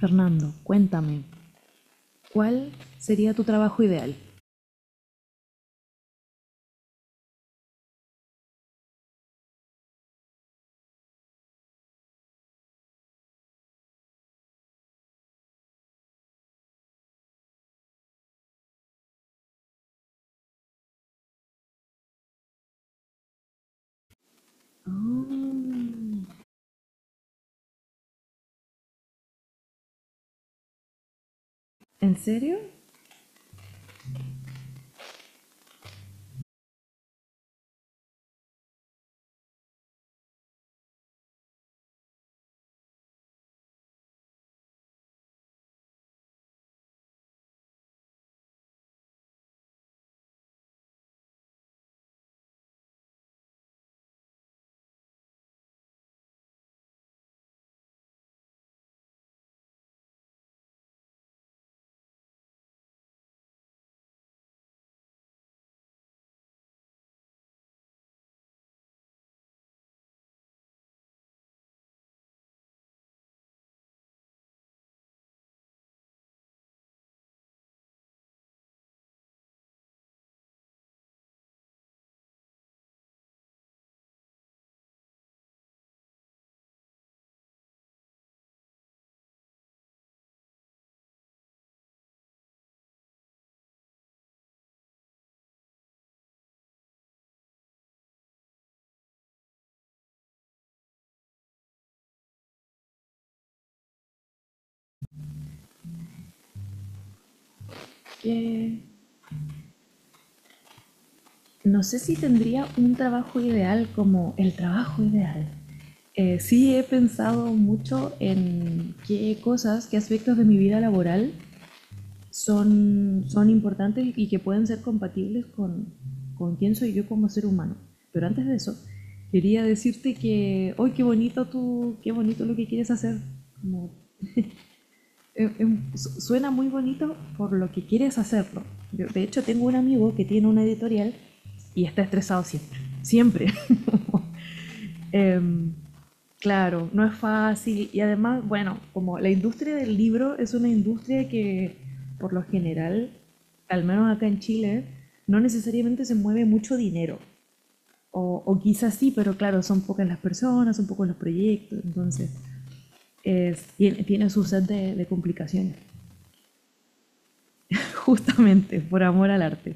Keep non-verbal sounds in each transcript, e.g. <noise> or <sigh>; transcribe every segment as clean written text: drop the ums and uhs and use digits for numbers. Fernando, cuéntame, ¿cuál sería tu trabajo ideal? Oh, ¿en serio? Que no sé si tendría un trabajo ideal como el trabajo ideal. Sí he pensado mucho en qué cosas, qué aspectos de mi vida laboral son importantes y que pueden ser compatibles con quién soy yo como ser humano. Pero antes de eso, quería decirte que hoy ¡qué bonito tú, qué bonito lo que quieres hacer! Como eh, eh, suena muy bonito por lo que quieres hacerlo. Yo, de hecho, tengo un amigo que tiene una editorial y está estresado siempre. Siempre. <laughs> Em, claro, no es fácil. Y además, bueno, como la industria del libro es una industria que, por lo general, al menos acá en Chile, no necesariamente se mueve mucho dinero. O quizás sí, pero claro, son pocas las personas, son pocos los proyectos. Entonces, tiene, tiene su de complicaciones. Justamente, por amor al arte.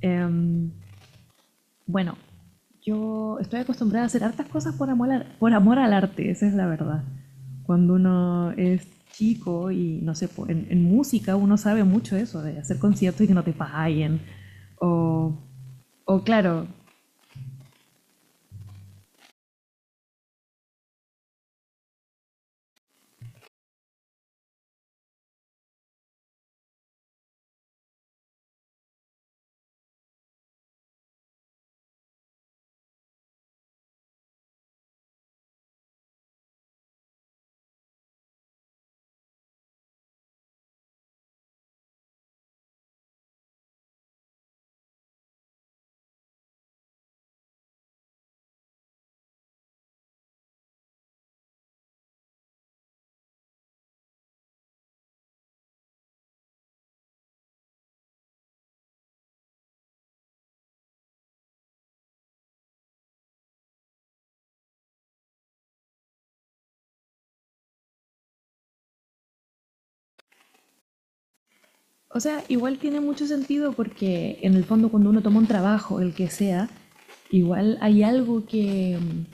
Em, bueno, yo estoy acostumbrada a hacer hartas cosas por amor, por amor al arte, esa es la verdad. Cuando uno es chico y no sé, po, en música uno sabe mucho eso, de hacer conciertos y que no te paguen. O, o claro, o sea, igual tiene mucho sentido porque en el fondo cuando uno toma un trabajo, el que sea, igual hay algo que,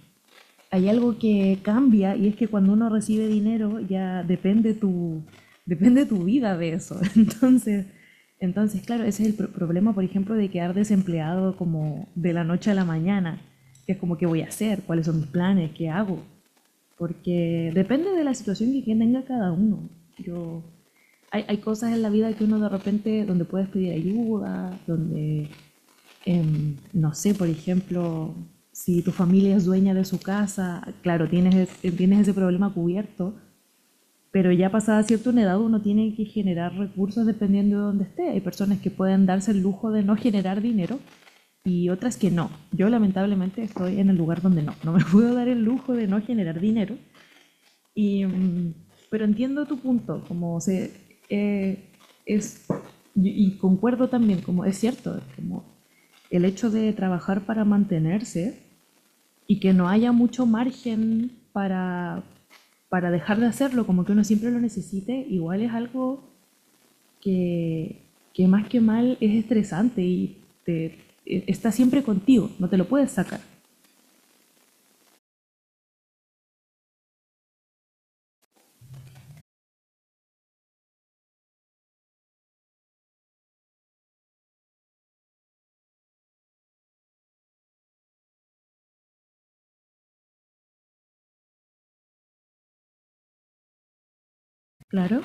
hay algo que cambia y es que cuando uno recibe dinero ya depende tu vida de eso. <laughs> Entonces claro, ese es el problema, por ejemplo, de quedar desempleado como de la noche a la mañana, que es como qué voy a hacer, cuáles son mis planes, qué hago, porque depende de la situación que tenga cada uno. Yo, hay cosas en la vida que uno de repente, donde puedes pedir ayuda, donde no sé, por ejemplo, si tu familia es dueña de su casa, claro, tienes ese problema cubierto, pero ya pasada cierta una edad uno tiene que generar recursos dependiendo de dónde esté. Hay personas que pueden darse el lujo de no generar dinero y otras que no. Yo lamentablemente estoy en el lugar donde no, no me <laughs> puedo dar el lujo de no generar dinero y, pero entiendo tu punto, eh, es, y concuerdo también, como es cierto, como el hecho de trabajar para mantenerse y que no haya mucho margen para dejar de hacerlo, como que uno siempre lo necesite, igual es algo que, que más que mal es estresante y está siempre contigo, no te lo puedes sacar. Claro.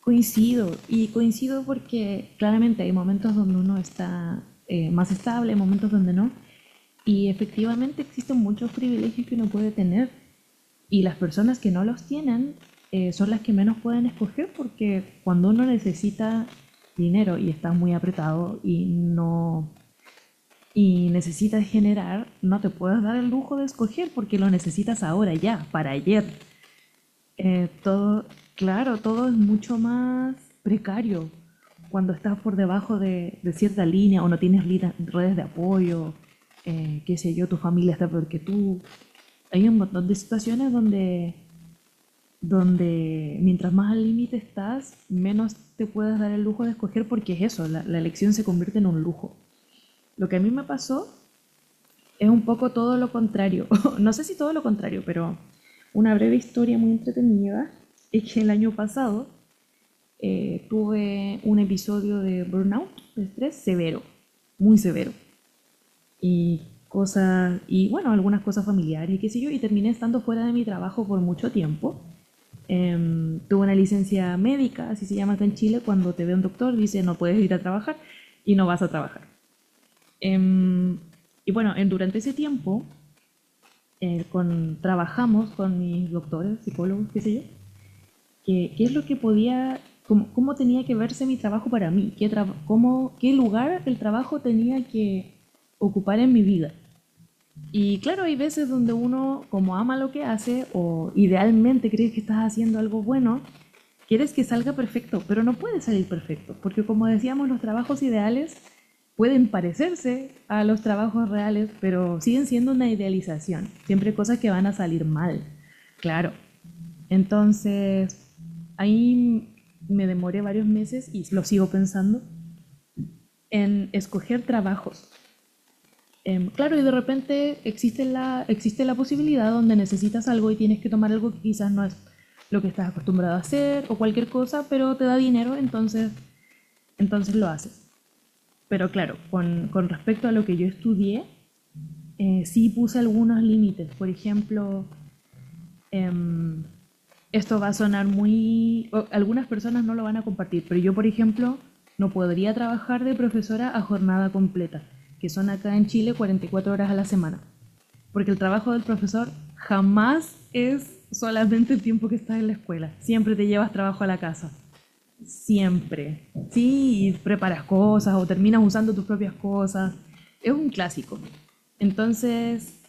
Coincido, y coincido porque claramente hay momentos donde uno está más estable, momentos donde no, y efectivamente existen muchos privilegios que uno puede tener, y las personas que no los tienen son las que menos pueden escoger porque cuando uno necesita dinero y está muy apretado y necesitas generar, no te puedes dar el lujo de escoger porque lo necesitas ahora ya, para ayer. Eh, todo, claro, todo es mucho más precario cuando estás por debajo de cierta línea o no tienes redes de apoyo, qué sé yo, tu familia está peor que tú. Hay un montón de situaciones donde mientras más al límite estás, menos te puedes dar el lujo de escoger porque es eso, la elección se convierte en un lujo. Lo que a mí me pasó es un poco todo lo contrario. <laughs> No sé si todo lo contrario, pero una breve historia muy entretenida es que el año pasado tuve un episodio de burnout, de estrés severo, muy severo. Y cosas, y bueno, algunas cosas familiares, qué sé yo, y terminé estando fuera de mi trabajo por mucho tiempo. Tuve una licencia médica, así se llama acá en Chile, cuando te ve un doctor, dice no puedes ir a trabajar y no vas a trabajar. Em, y bueno, durante ese tiempo trabajamos con mis doctores, psicólogos, qué sé yo, qué es lo que podía, tenía que verse mi trabajo para mí, qué lugar el trabajo tenía que ocupar en mi vida. Y claro, hay veces donde uno, como ama lo que hace o idealmente cree que estás haciendo algo bueno, quieres que salga perfecto, pero no puede salir perfecto, porque como decíamos, los trabajos ideales pueden parecerse a los trabajos reales, pero siguen siendo una idealización, siempre cosas que van a salir mal, claro. Entonces, ahí me demoré varios meses y lo sigo pensando en escoger trabajos. Claro, y de repente existe la posibilidad donde necesitas algo y tienes que tomar algo que quizás no es lo que estás acostumbrado a hacer o cualquier cosa, pero te da dinero, entonces lo haces. Pero claro, con respecto a lo que yo estudié, sí puse algunos límites. Por ejemplo, em, esto va a sonar muy... Algunas personas no lo van a compartir, pero yo, por ejemplo, no podría trabajar de profesora a jornada completa, que son acá en Chile 44 horas a la semana. Porque el trabajo del profesor jamás es solamente el tiempo que estás en la escuela. Siempre te llevas trabajo a la casa. Siempre. Sí, y preparas cosas o terminas usando tus propias cosas. Es un clásico. Entonces,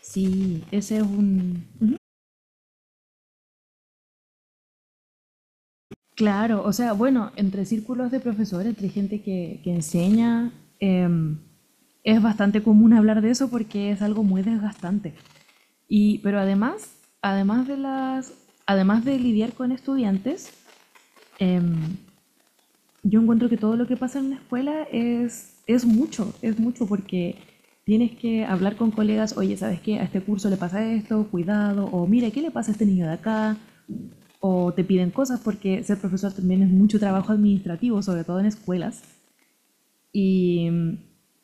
sí, ese es un, claro, o sea, bueno, entre círculos de profesores, entre gente que enseña, em, es bastante común hablar de eso porque es algo muy desgastante. Y, pero además, además de las, además de lidiar con estudiantes, em, yo encuentro que todo lo que pasa en una escuela es mucho porque tienes que hablar con colegas, oye, ¿sabes qué? A este curso le pasa esto, cuidado, o mira, ¿qué le pasa a este niño de acá? O te piden cosas, porque ser profesor también es mucho trabajo administrativo, sobre todo en escuelas. Y,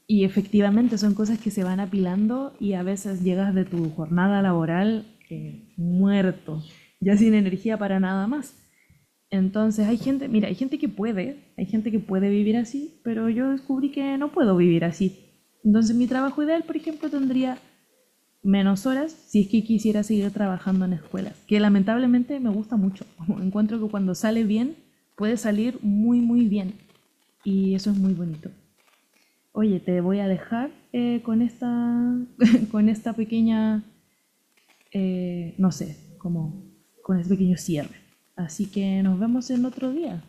y efectivamente son cosas que se van apilando y a veces llegas de tu jornada laboral muerto, ya sin energía para nada más. Entonces hay gente, mira, hay gente que puede, hay gente que puede vivir así, pero yo descubrí que no puedo vivir así. Entonces mi trabajo ideal, por ejemplo, tendría menos horas si es que quisiera seguir trabajando en escuelas, que lamentablemente me gusta mucho. <laughs> Encuentro que cuando sale bien, puede salir muy, muy bien. Y eso es muy bonito. Oye, te voy a dejar esta, <laughs> con esta pequeña, no sé, como con este pequeño cierre. Así que nos vemos en otro día.